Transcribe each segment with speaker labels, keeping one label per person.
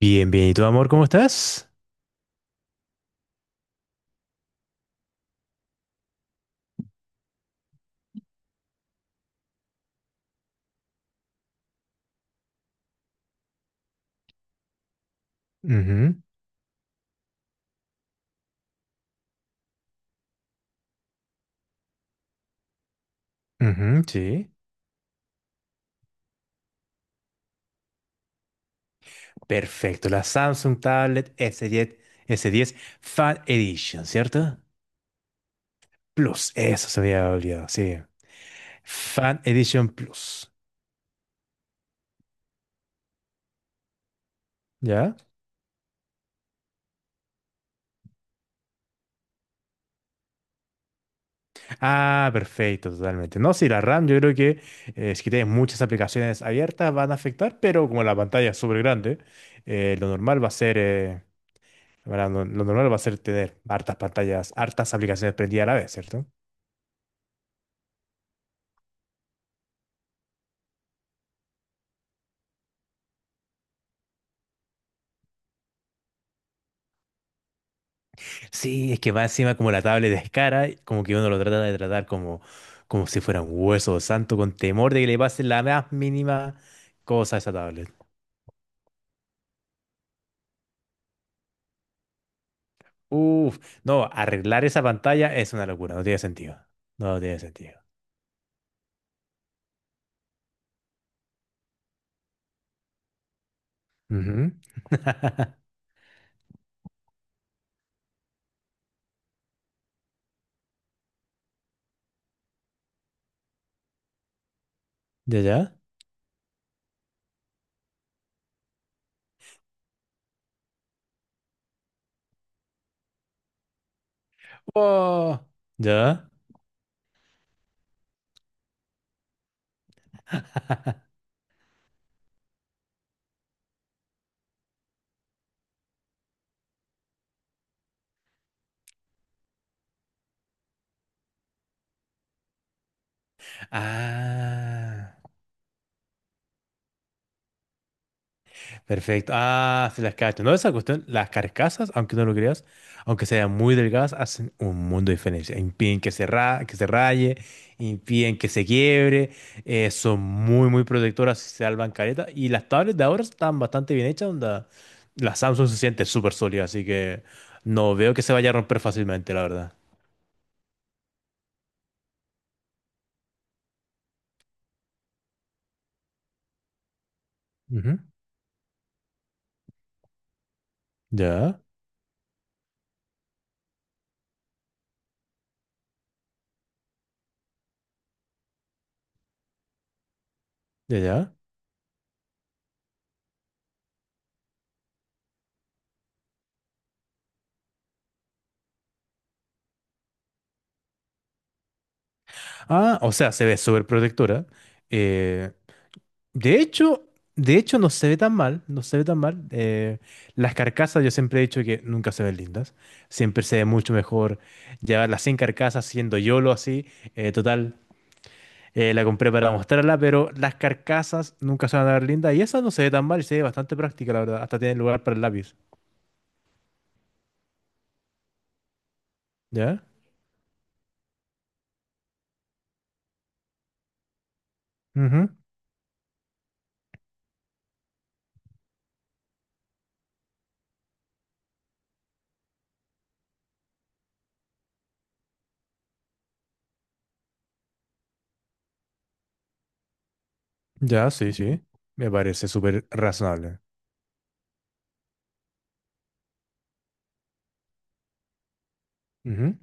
Speaker 1: Bien, bien. ¿Y tú, amor, cómo estás? Ujú, ujú, sí. Perfecto. La Samsung Tablet S10, S10 Fan Edition, ¿cierto? Plus. Eso se había olvidado, sí. Fan Edition Plus. ¿Ya? Ah, perfecto, totalmente. No, sí, la RAM, yo creo que si tienes muchas aplicaciones abiertas van a afectar, pero como la pantalla es súper grande, lo normal va a ser, bueno, lo normal va a ser tener hartas pantallas, hartas aplicaciones prendidas a la vez, ¿cierto? Sí, es que va encima como la tablet de Escara, como que uno lo trata de tratar como, como si fuera un hueso santo, con temor de que le pase la más mínima cosa a esa tablet. Uf, no, arreglar esa pantalla es una locura, no tiene sentido. No tiene sentido. Ujú. ¿Ya, ya? Oh, ¿ya? Ah. Perfecto. Ah, sí las cacho. No, esa cuestión, las carcasas, aunque no lo creas, aunque sean muy delgadas, hacen un mundo de diferencia. Impiden que que se raye, impiden que se quiebre, son muy, muy protectoras, se salvan careta. Y las tablets de ahora están bastante bien hechas, onda. La Samsung se siente súper sólida, así que no veo que se vaya a romper fácilmente, la verdad. Ujú. Ya, ya, ya. Ah, o sea, se ve súper protectora. eh, De hecho, de hecho no se ve tan mal, no se ve tan mal. Las carcasas yo siempre he dicho que nunca se ven lindas. Siempre se ve mucho mejor llevarlas sin carcasas, siendo YOLO así. Total, la compré para mostrarla, pero las carcasas nunca se van a ver lindas. Y esa no se ve tan mal y se ve bastante práctica, la verdad. Hasta tiene lugar para el lápiz. ¿Ya? Ujú. Ya, sí, sí. Me parece súper razonable. Ujú.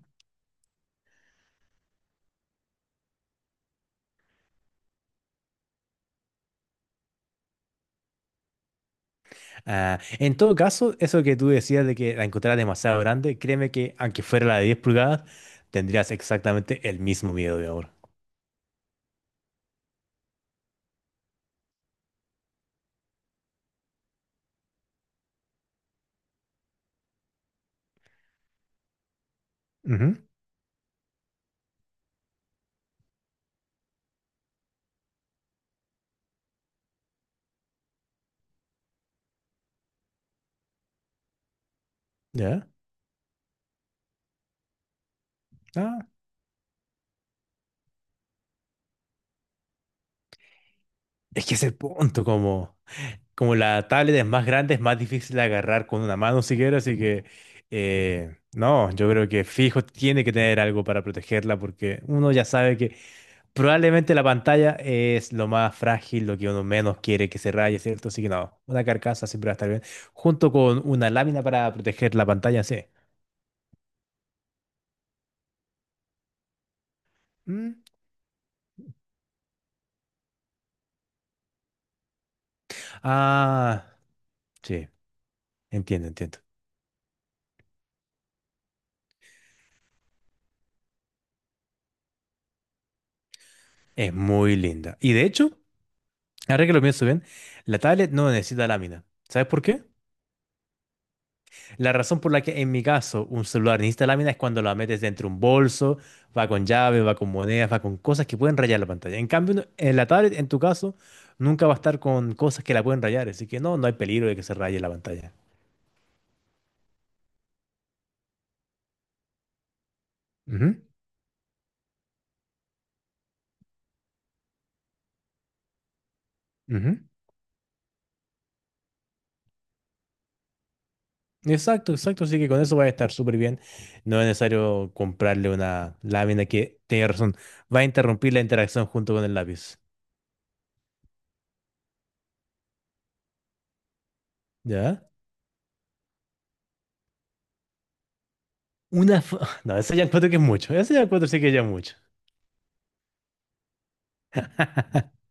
Speaker 1: Ah, en todo caso, eso que tú decías de que la encontrabas demasiado grande, créeme que aunque fuera la de 10 pulgadas, tendrías exactamente el mismo miedo de ahora. Ujú, ¿ya? Ah, es que es el punto, como la tablet es más grande, es más difícil de agarrar con una mano siquiera, así que no, yo creo que fijo tiene que tener algo para protegerla porque uno ya sabe que probablemente la pantalla es lo más frágil, lo que uno menos quiere que se raye, ¿cierto? Así que no, una carcasa siempre va a estar bien. Junto con una lámina para proteger la pantalla, sí. Mm. Ah, sí, entiendo, entiendo. Es muy linda. Y de hecho, ahora que lo pienso bien, la tablet no necesita lámina. ¿Sabes por qué? La razón por la que en mi caso un celular necesita lámina es cuando la metes dentro de un bolso, va con llave, va con monedas, va con cosas que pueden rayar la pantalla. En cambio, en la tablet, en tu caso, nunca va a estar con cosas que la pueden rayar, así que no, no hay peligro de que se raye la pantalla. Ujú, ujú. Exacto, exacto, así que con eso va a estar súper bien. No es necesario comprarle una lámina que, tiene razón, va a interrumpir la interacción junto con el lápiz. ¿Ya? Una... fo- No, eso ya encuentro que es mucho, eso ya encuentro sí que ya es mucho.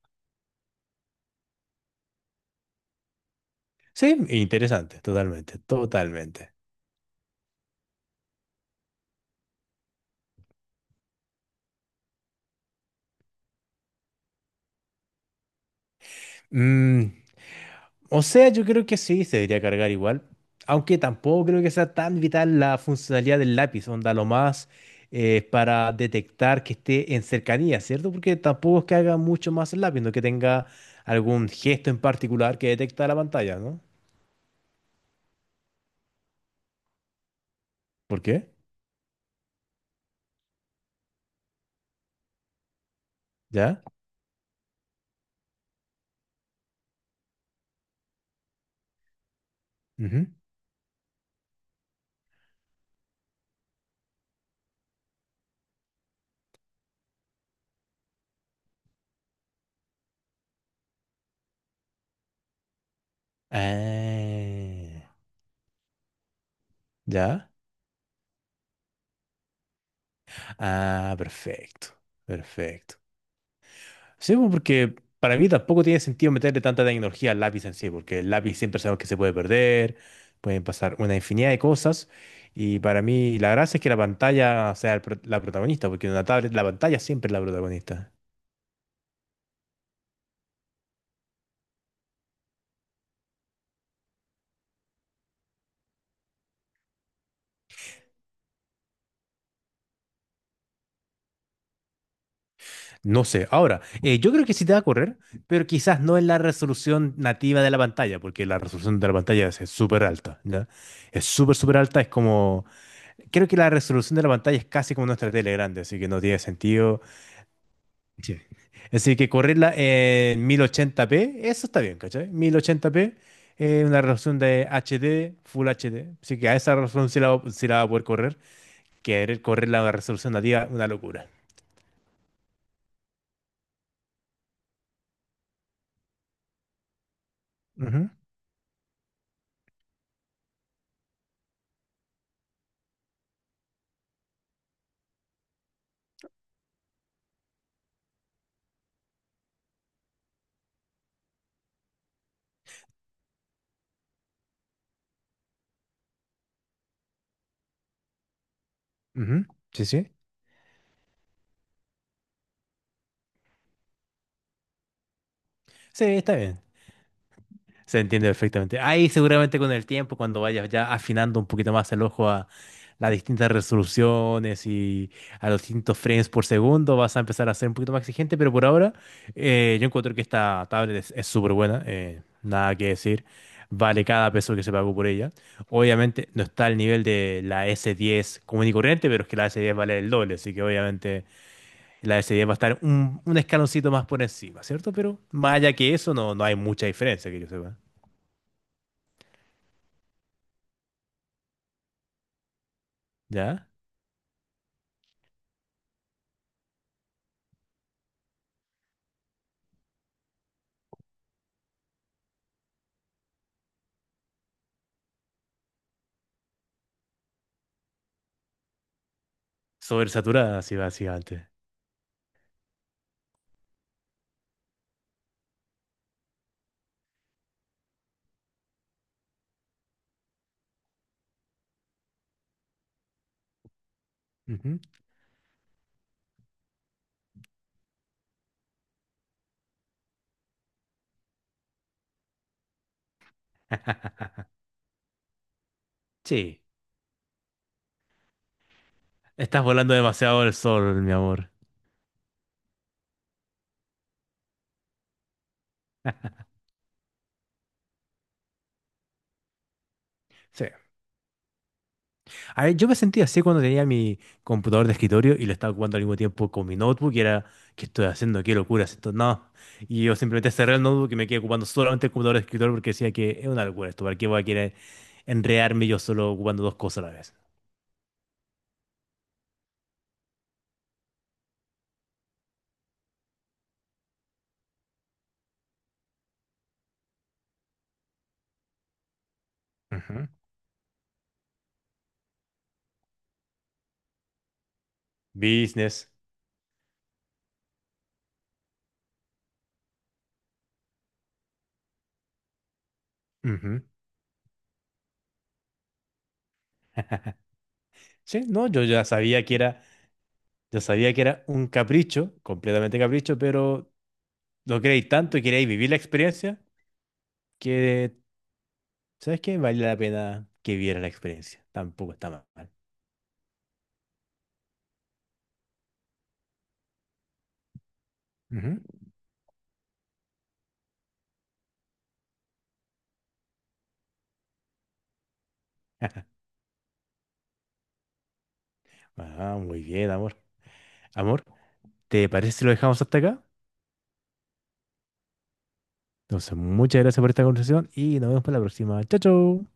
Speaker 1: Sí, interesante, totalmente, totalmente. Mm, o sea, yo creo que sí, se debería cargar igual, aunque tampoco creo que sea tan vital la funcionalidad del lápiz, onda lo más para detectar que esté en cercanía, ¿cierto? Porque tampoco es que haga mucho más el lápiz, no que tenga algún gesto en particular que detecta la pantalla, ¿no? ¿Por qué? ¿Ya? Ujú. Ah, ¿ya? Ah, perfecto, perfecto. Sí, pues, porque para mí tampoco tiene sentido meterle tanta tecnología al lápiz en sí, porque el lápiz siempre sabemos que se puede perder, pueden pasar una infinidad de cosas, y para mí la gracia es que la pantalla sea la protagonista, porque en una tablet la pantalla siempre es la protagonista. No sé, ahora, yo creo que sí te va a correr, pero quizás no en la resolución nativa de la pantalla, porque la resolución de la pantalla es súper alta, ¿ya? Es súper, súper alta, es como... Creo que la resolución de la pantalla es casi como nuestra tele grande, así que no tiene sentido. Sí. Así que correrla en 1080p, eso está bien, ¿cachai? 1080p, una resolución de HD, Full HD. Así que a esa resolución sí la va a poder correr. Querer correrla a una resolución nativa, una locura. Ujú, ujú. Sí, sí. Sí, está bien. Se entiende perfectamente. Ahí seguramente con el tiempo, cuando vayas ya afinando un poquito más el ojo a las distintas resoluciones y a los distintos frames por segundo, vas a empezar a ser un poquito más exigente, pero por ahora yo encuentro que esta tablet es súper buena, nada que decir, vale cada peso que se pagó por ella. Obviamente no está al nivel de la S10 común y corriente, pero es que la S10 vale el doble, así que obviamente la S10 va a estar un escaloncito más por encima, ¿cierto? Pero más allá que eso, no, no hay mucha diferencia que yo sepa. ¿Ya? Sobresaturada, así básicamente. Ujú. Sí, estás volando demasiado el sol, mi amor. Sí. A ver, yo me sentía así cuando tenía mi computador de escritorio y lo estaba ocupando al mismo tiempo con mi notebook y era, ¿qué estoy haciendo? ¿Qué locura es esto? No. Y yo simplemente cerré el notebook y me quedé ocupando solamente el computador de escritorio porque decía que es una locura esto, ¿para qué voy a querer enredarme yo solo ocupando dos cosas a la vez? Ujú. Business. Ujú. Sí, no, Yo sabía que era un capricho, completamente capricho, pero lo queréis tanto y queréis vivir la experiencia que, ¿sabes qué? Vale la pena que viera la experiencia. Tampoco está mal. Ujú. Ah, muy bien, amor. Amor, ¿te parece si lo dejamos hasta acá? Entonces, muchas gracias por esta conversación y nos vemos para la próxima. Chao, chao.